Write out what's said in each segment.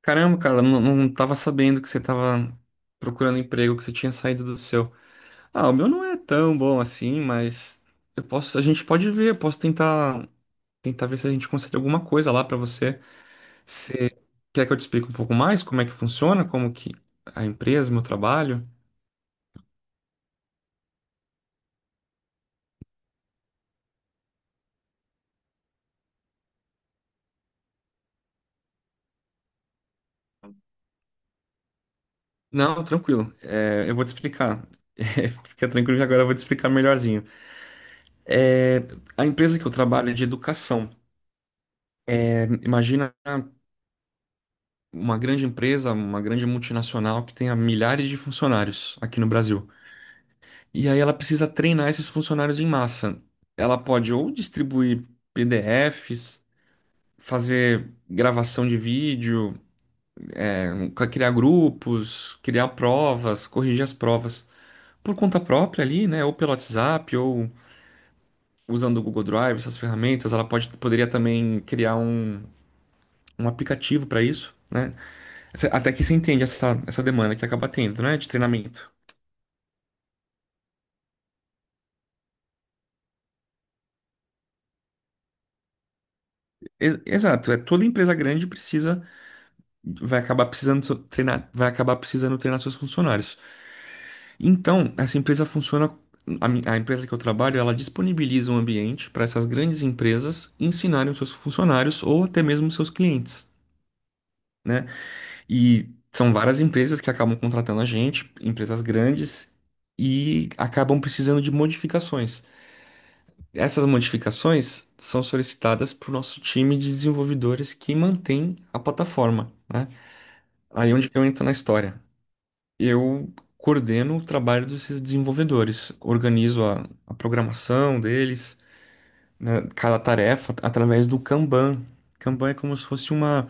Caramba, cara, não tava sabendo que você tava procurando emprego, que você tinha saído do seu. Ah, o meu não é tão bom assim, mas eu posso, a gente pode ver, eu posso tentar, tentar ver se a gente consegue alguma coisa lá pra você. Você quer que eu te explique um pouco mais como é que funciona, como que a empresa, meu trabalho? Não, tranquilo. Eu vou te explicar. Fica tranquilo que agora eu vou te explicar melhorzinho. É, a empresa que eu trabalho é de educação. É, imagina uma grande empresa, uma grande multinacional que tenha milhares de funcionários aqui no Brasil. E aí ela precisa treinar esses funcionários em massa. Ela pode ou distribuir PDFs, fazer gravação de vídeo, é, criar grupos, criar provas, corrigir as provas por conta própria ali, né? Ou pelo WhatsApp, ou usando o Google Drive, essas ferramentas. Ela pode, poderia também criar um aplicativo para isso. Né? Até que você entende essa demanda que acaba tendo, né? De treinamento. Exato, é toda empresa grande precisa vai acabar precisando treinar, vai acabar precisando treinar seus funcionários. Então, essa empresa funciona a empresa que eu trabalho, ela disponibiliza um ambiente para essas grandes empresas ensinarem os seus funcionários ou até mesmo os seus clientes, né? E são várias empresas que acabam contratando a gente, empresas grandes e acabam precisando de modificações. Essas modificações são solicitadas para o nosso time de desenvolvedores que mantém a plataforma, né? Aí onde que eu entro na história? Eu coordeno o trabalho desses desenvolvedores, organizo a programação deles, né, cada tarefa através do Kanban. Kanban é como se fosse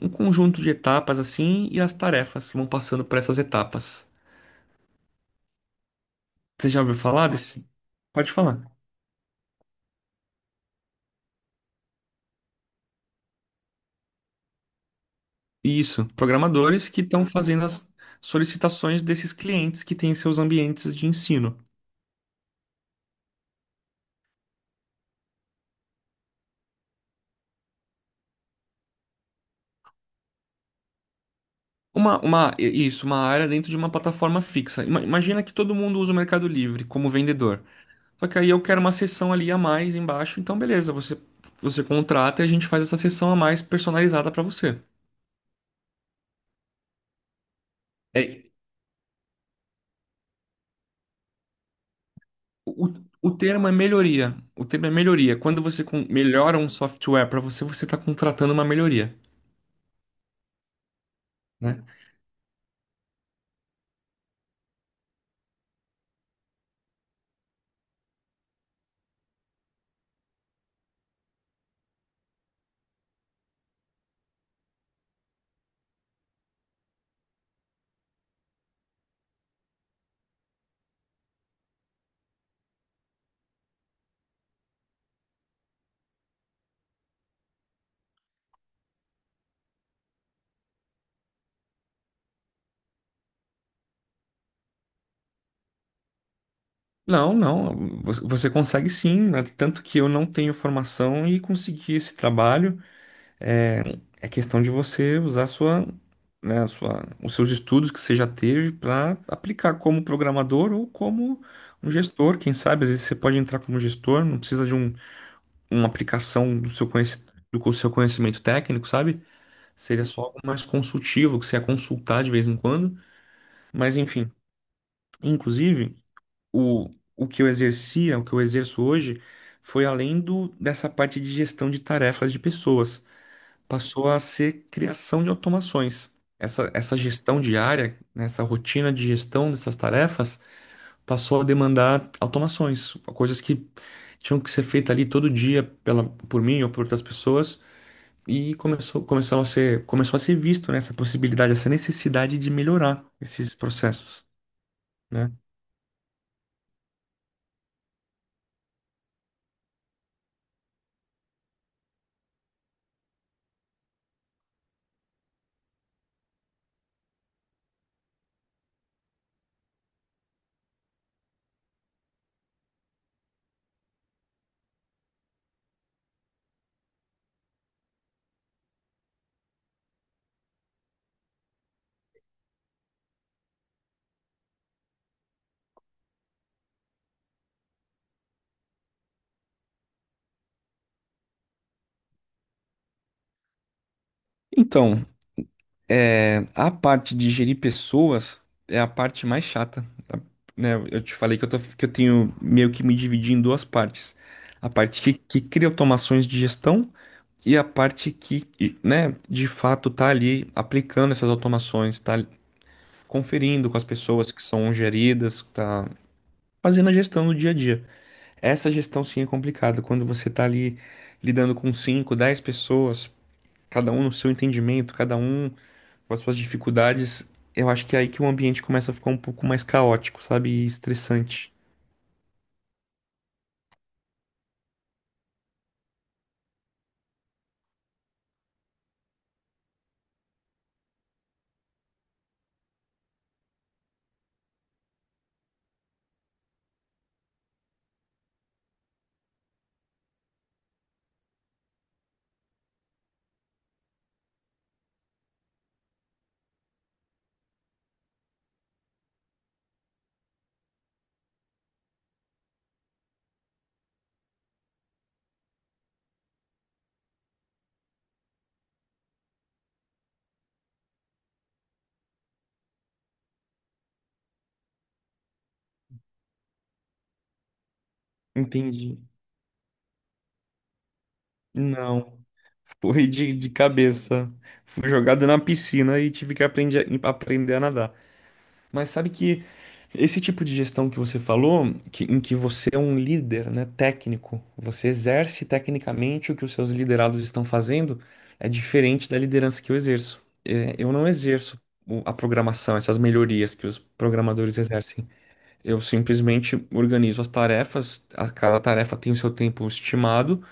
um conjunto de etapas assim e as tarefas vão passando por essas etapas. Você já ouviu falar desse? Pode falar. Isso, programadores que estão fazendo as solicitações desses clientes que têm seus ambientes de ensino. Uma, isso, uma área dentro de uma plataforma fixa. Ima- Imagina que todo mundo usa o Mercado Livre como vendedor. Só que aí eu quero uma seção ali a mais embaixo, então beleza, você, você contrata e a gente faz essa seção a mais personalizada para você. É, o, o termo é melhoria. O termo é melhoria. Quando você melhora um software para você, você está contratando uma melhoria, né? Não, você consegue sim, né? Tanto que eu não tenho formação e consegui esse trabalho. É, é questão de você usar a sua, os seus estudos que você já teve para aplicar como programador ou como um gestor. Quem sabe, às vezes você pode entrar como gestor, não precisa de um, uma aplicação do seu seu conhecimento técnico, sabe? Seria só algo mais consultivo, que você ia consultar de vez em quando. Mas, enfim, inclusive, o, o que eu exercia, o que eu exerço hoje, foi além dessa parte de gestão de tarefas de pessoas passou a ser criação de automações. Essa gestão diária, né, essa rotina de gestão dessas tarefas, passou a demandar automações, coisas que tinham que ser feitas ali todo dia pela, por mim ou por outras pessoas, e começou a ser visto, né, essa possibilidade, essa necessidade de melhorar esses processos, né? Então, a parte de gerir pessoas é a parte mais chata, tá? Né? Eu te falei que eu tenho meio que me dividir em duas partes. A parte que cria automações de gestão e a parte né, de fato tá ali aplicando essas automações, tá conferindo com as pessoas que são geridas, tá fazendo a gestão no dia a dia. Essa gestão sim é complicada, quando você tá ali lidando com 5, 10 pessoas, cada um no seu entendimento, cada um com as suas dificuldades, eu acho que é aí que o ambiente começa a ficar um pouco mais caótico, sabe? E estressante. Entendi. Não. Foi de cabeça. Fui jogado na piscina e tive que aprender, aprender a nadar. Mas sabe que esse tipo de gestão que você falou, em que você é um líder, né, técnico, você exerce tecnicamente o que os seus liderados estão fazendo, é diferente da liderança que eu exerço. É, eu não exerço a programação, essas melhorias que os programadores exercem. Eu simplesmente organizo as tarefas, cada tarefa tem o seu tempo estimado.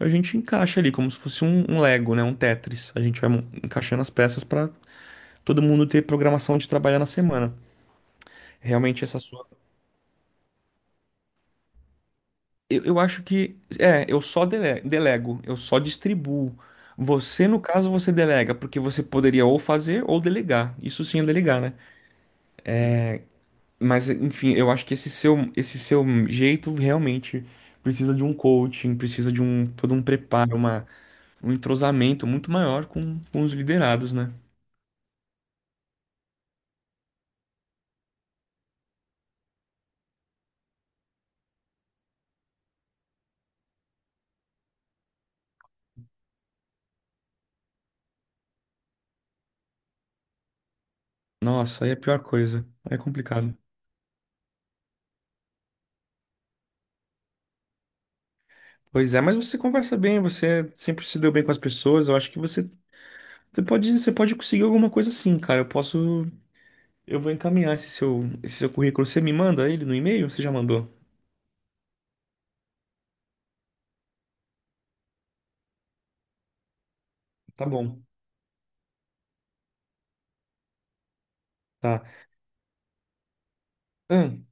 A gente encaixa ali como se fosse um Lego, né? Um Tetris. A gente vai encaixando as peças para todo mundo ter programação de trabalhar na semana. Realmente essa sua. Eu acho que é, eu só delego, eu só distribuo. Você, no caso, você delega, porque você poderia ou fazer ou delegar. Isso sim é delegar, né? Mas, enfim, eu acho que esse seu jeito realmente precisa de um coaching, precisa de um todo um preparo, um entrosamento muito maior com os liderados, né? Nossa, aí é a pior coisa. Aí é complicado. Pois é, mas você conversa bem, você sempre se deu bem com as pessoas. Eu acho que você pode, você pode conseguir alguma coisa sim, cara. Eu posso, eu vou encaminhar esse seu currículo. Você me manda ele no e-mail? Você já mandou? Tá bom. Tá. Ahn,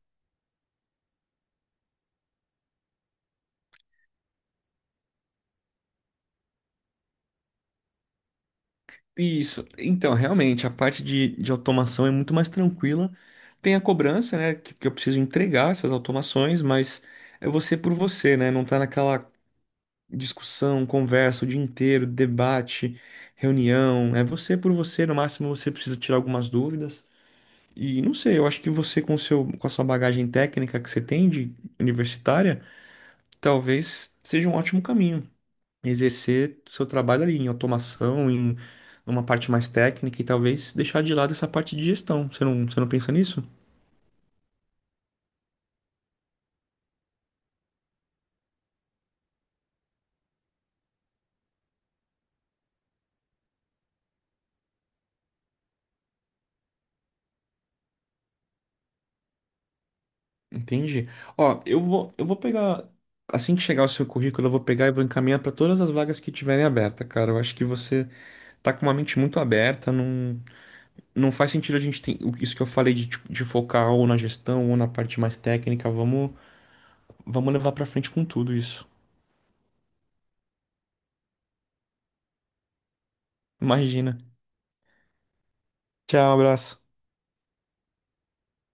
isso. Então, realmente, a parte de automação é muito mais tranquila. Tem a cobrança, né? Que eu preciso entregar essas automações, mas é você por você, né? Não tá naquela discussão, conversa o dia inteiro, debate, reunião. É você por você. No máximo, você precisa tirar algumas dúvidas. E não sei, eu acho que você, com a sua bagagem técnica que você tem de universitária, talvez seja um ótimo caminho exercer seu trabalho ali em automação, em uma parte mais técnica e talvez deixar de lado essa parte de gestão. Você não pensa nisso? Entendi. Ó, eu vou pegar. Assim que chegar o seu currículo, eu vou pegar e vou encaminhar para todas as vagas que tiverem aberta, cara. Eu acho que você tá com uma mente muito aberta, não, não faz sentido a gente ter isso que eu falei de, tipo, de focar ou na gestão ou na parte mais técnica. Vamos, vamos levar para frente com tudo isso. Imagina. Tchau, abraço.